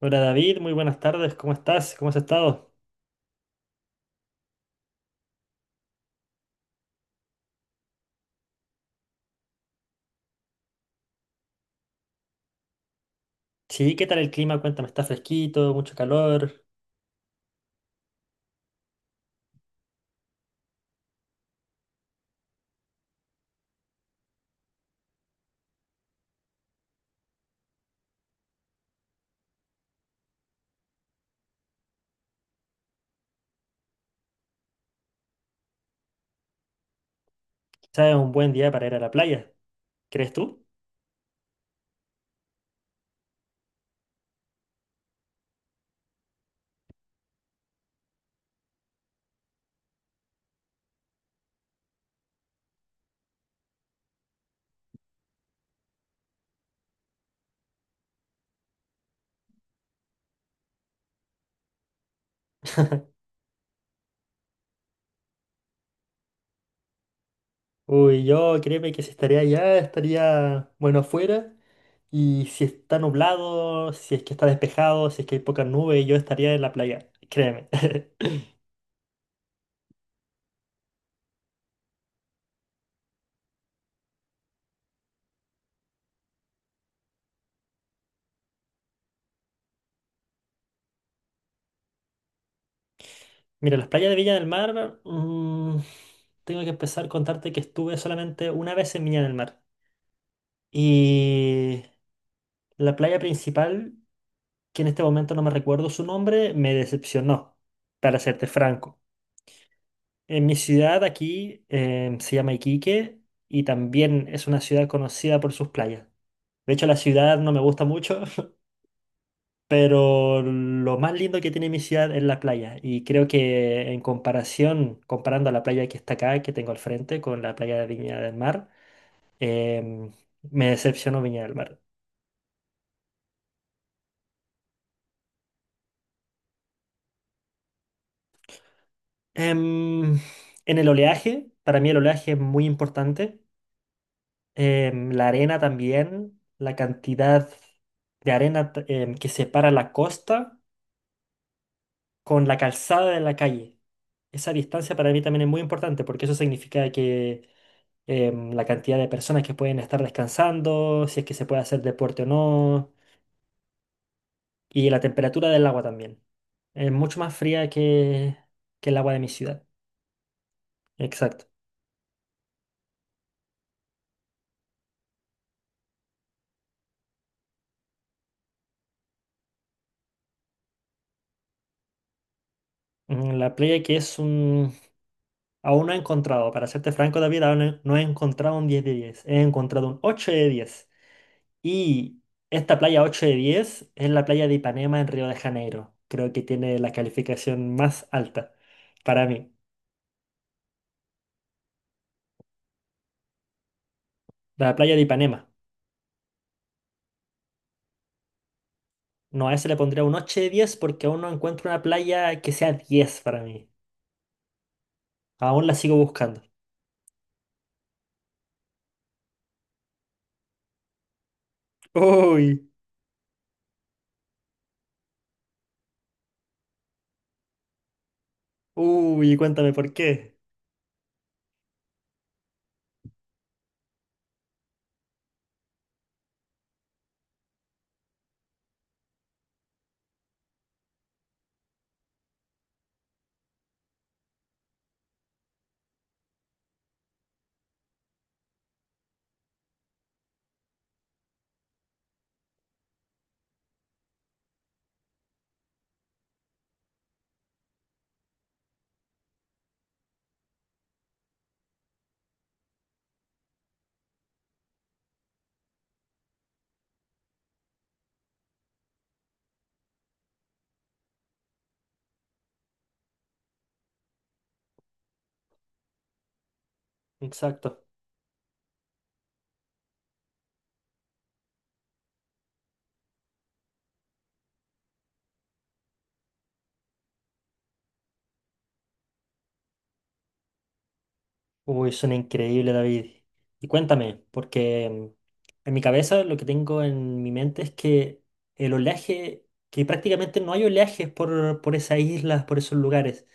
Hola David, muy buenas tardes, ¿cómo estás? ¿Cómo has estado? Sí, ¿qué tal el clima? Cuéntame, ¿está fresquito, mucho calor? ¿Sabes? Un buen día para ir a la playa, ¿crees tú? Uy, yo créeme que si estaría allá, estaría, bueno, afuera. Y si está nublado, si es que está despejado, si es que hay pocas nubes, yo estaría en la playa, créeme. Mira, las playas de Viña del Mar, tengo que empezar a contarte que estuve solamente una vez en Viña del Mar. Y la playa principal que en este momento no me recuerdo su nombre, me decepcionó, para serte franco. En mi ciudad aquí se llama Iquique y también es una ciudad conocida por sus playas. De hecho, la ciudad no me gusta mucho, pero lo más lindo que tiene mi ciudad es la playa. Y creo que en comparación, comparando a la playa que está acá, que tengo al frente, con la playa de Viña del Mar, em, me decepcionó Viña del Mar. Em, en el oleaje, para mí el oleaje es muy importante. La arena también, la cantidad de arena que separa la costa con la calzada de la calle. Esa distancia para mí también es muy importante porque eso significa que la cantidad de personas que pueden estar descansando, si es que se puede hacer deporte o no, y la temperatura del agua también. Es mucho más fría que el agua de mi ciudad. Exacto. Mm, La playa que es un, Aún no he encontrado, para serte franco, David, aún no he encontrado un 10 de 10. He encontrado un 8 de 10. Y esta playa 8 de 10 es la playa de Ipanema en Río de Janeiro. Creo que tiene la calificación más alta para mí. La playa de Ipanema. No, a ese le pondría un 8 de 10 porque aún no encuentro una playa que sea 10 para mí. Aún la sigo buscando. Uy, uy, cuéntame por qué. Exacto. Uy, suena increíble, David. Y cuéntame, porque en mi cabeza lo que tengo en mi mente es que el oleaje, que prácticamente no hay oleajes por esas islas, por esos lugares.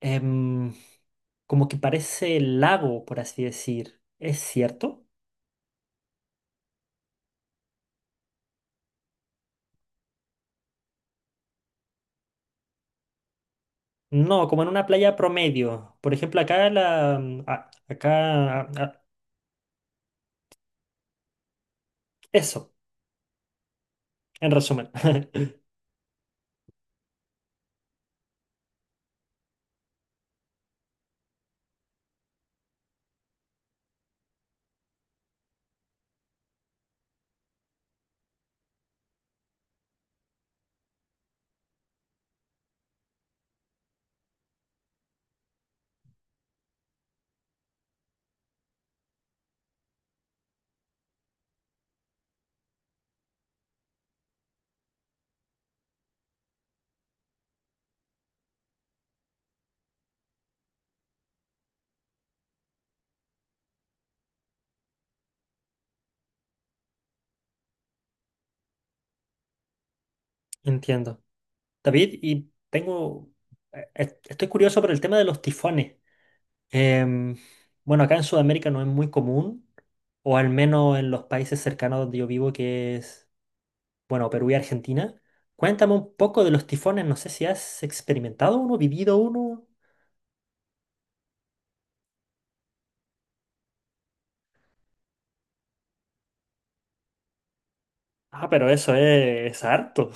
Em, como que parece lago, por así decir. ¿Es cierto? No, como en una playa promedio. Por ejemplo, acá la... mm, a- acá... a- eso, en resumen. Entiendo. David, estoy curioso por el tema de los tifones. Em, bueno, acá en Sudamérica no es muy común, o al menos en los países cercanos donde yo vivo, que es, bueno, Perú y Argentina. Cuéntame un poco de los tifones, no sé si has experimentado uno, vivido uno. Ah, pero eso es harto.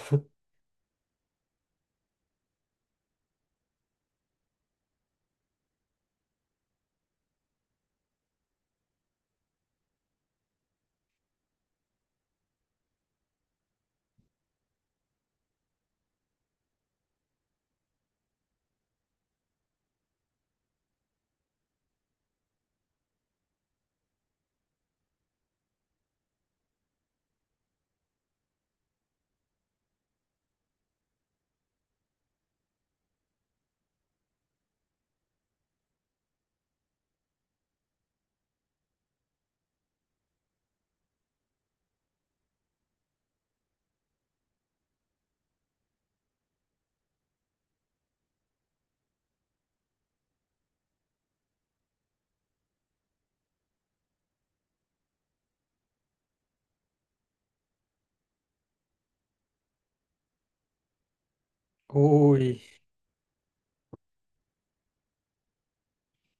Uy.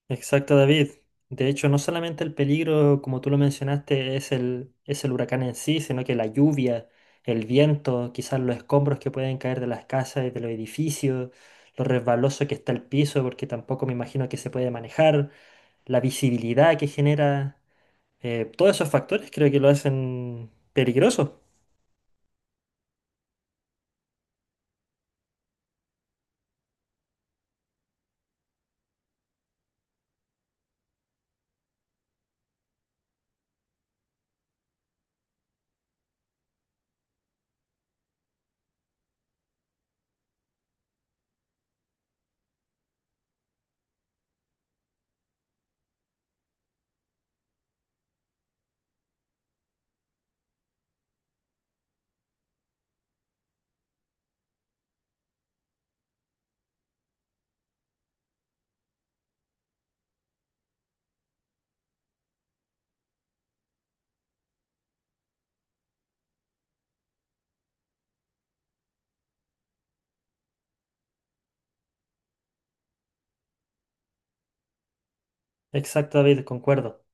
Exacto, David. De hecho, no solamente el peligro, como tú lo mencionaste, es el huracán en sí, sino que la lluvia, el viento, quizás los escombros que pueden caer de las casas y de los edificios, lo resbaloso que está el piso, porque tampoco me imagino que se puede manejar, la visibilidad que genera, todos esos factores creo que lo hacen peligroso. Exacto, David, concuerdo.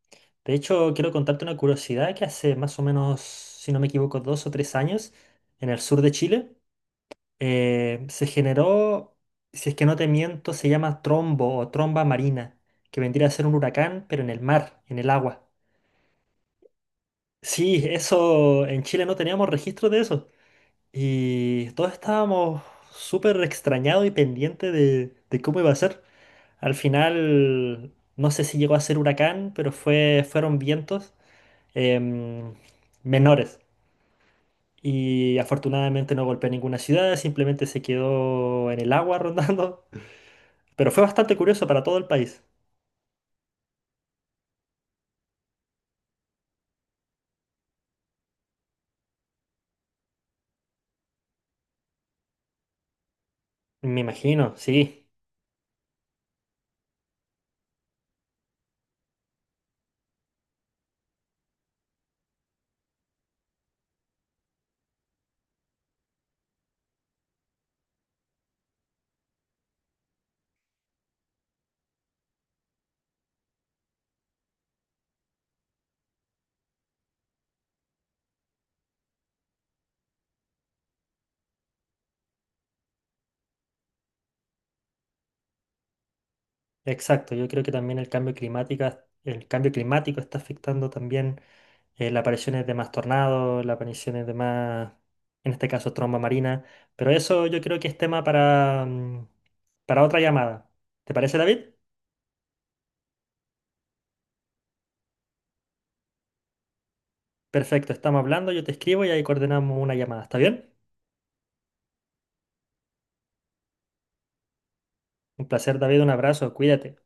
De hecho, quiero contarte una curiosidad que hace más o menos, si no me equivoco, 2 o 3 años, en el sur de Chile, se generó, si es que no te miento, se llama trombo o tromba marina, que vendría a ser un huracán, pero en el mar, en el agua. Sí, eso en Chile no teníamos registro de eso. Y todos estábamos súper extrañados y pendientes de cómo iba a ser. Al final, no sé si llegó a ser huracán, pero fueron vientos em, menores. Y afortunadamente no golpeó ninguna ciudad, simplemente se quedó en el agua rondando. Pero fue bastante curioso para todo el país. Me imagino, sí, exacto. Yo creo que también el cambio climático está afectando también, las apariciones de más tornados, las apariciones de más, en este caso, tromba marina. Pero eso yo creo que es tema para otra llamada. ¿Te parece, David? Perfecto, estamos hablando, yo te escribo y ahí coordinamos una llamada. ¿Está bien? Un placer, David, un abrazo, cuídate.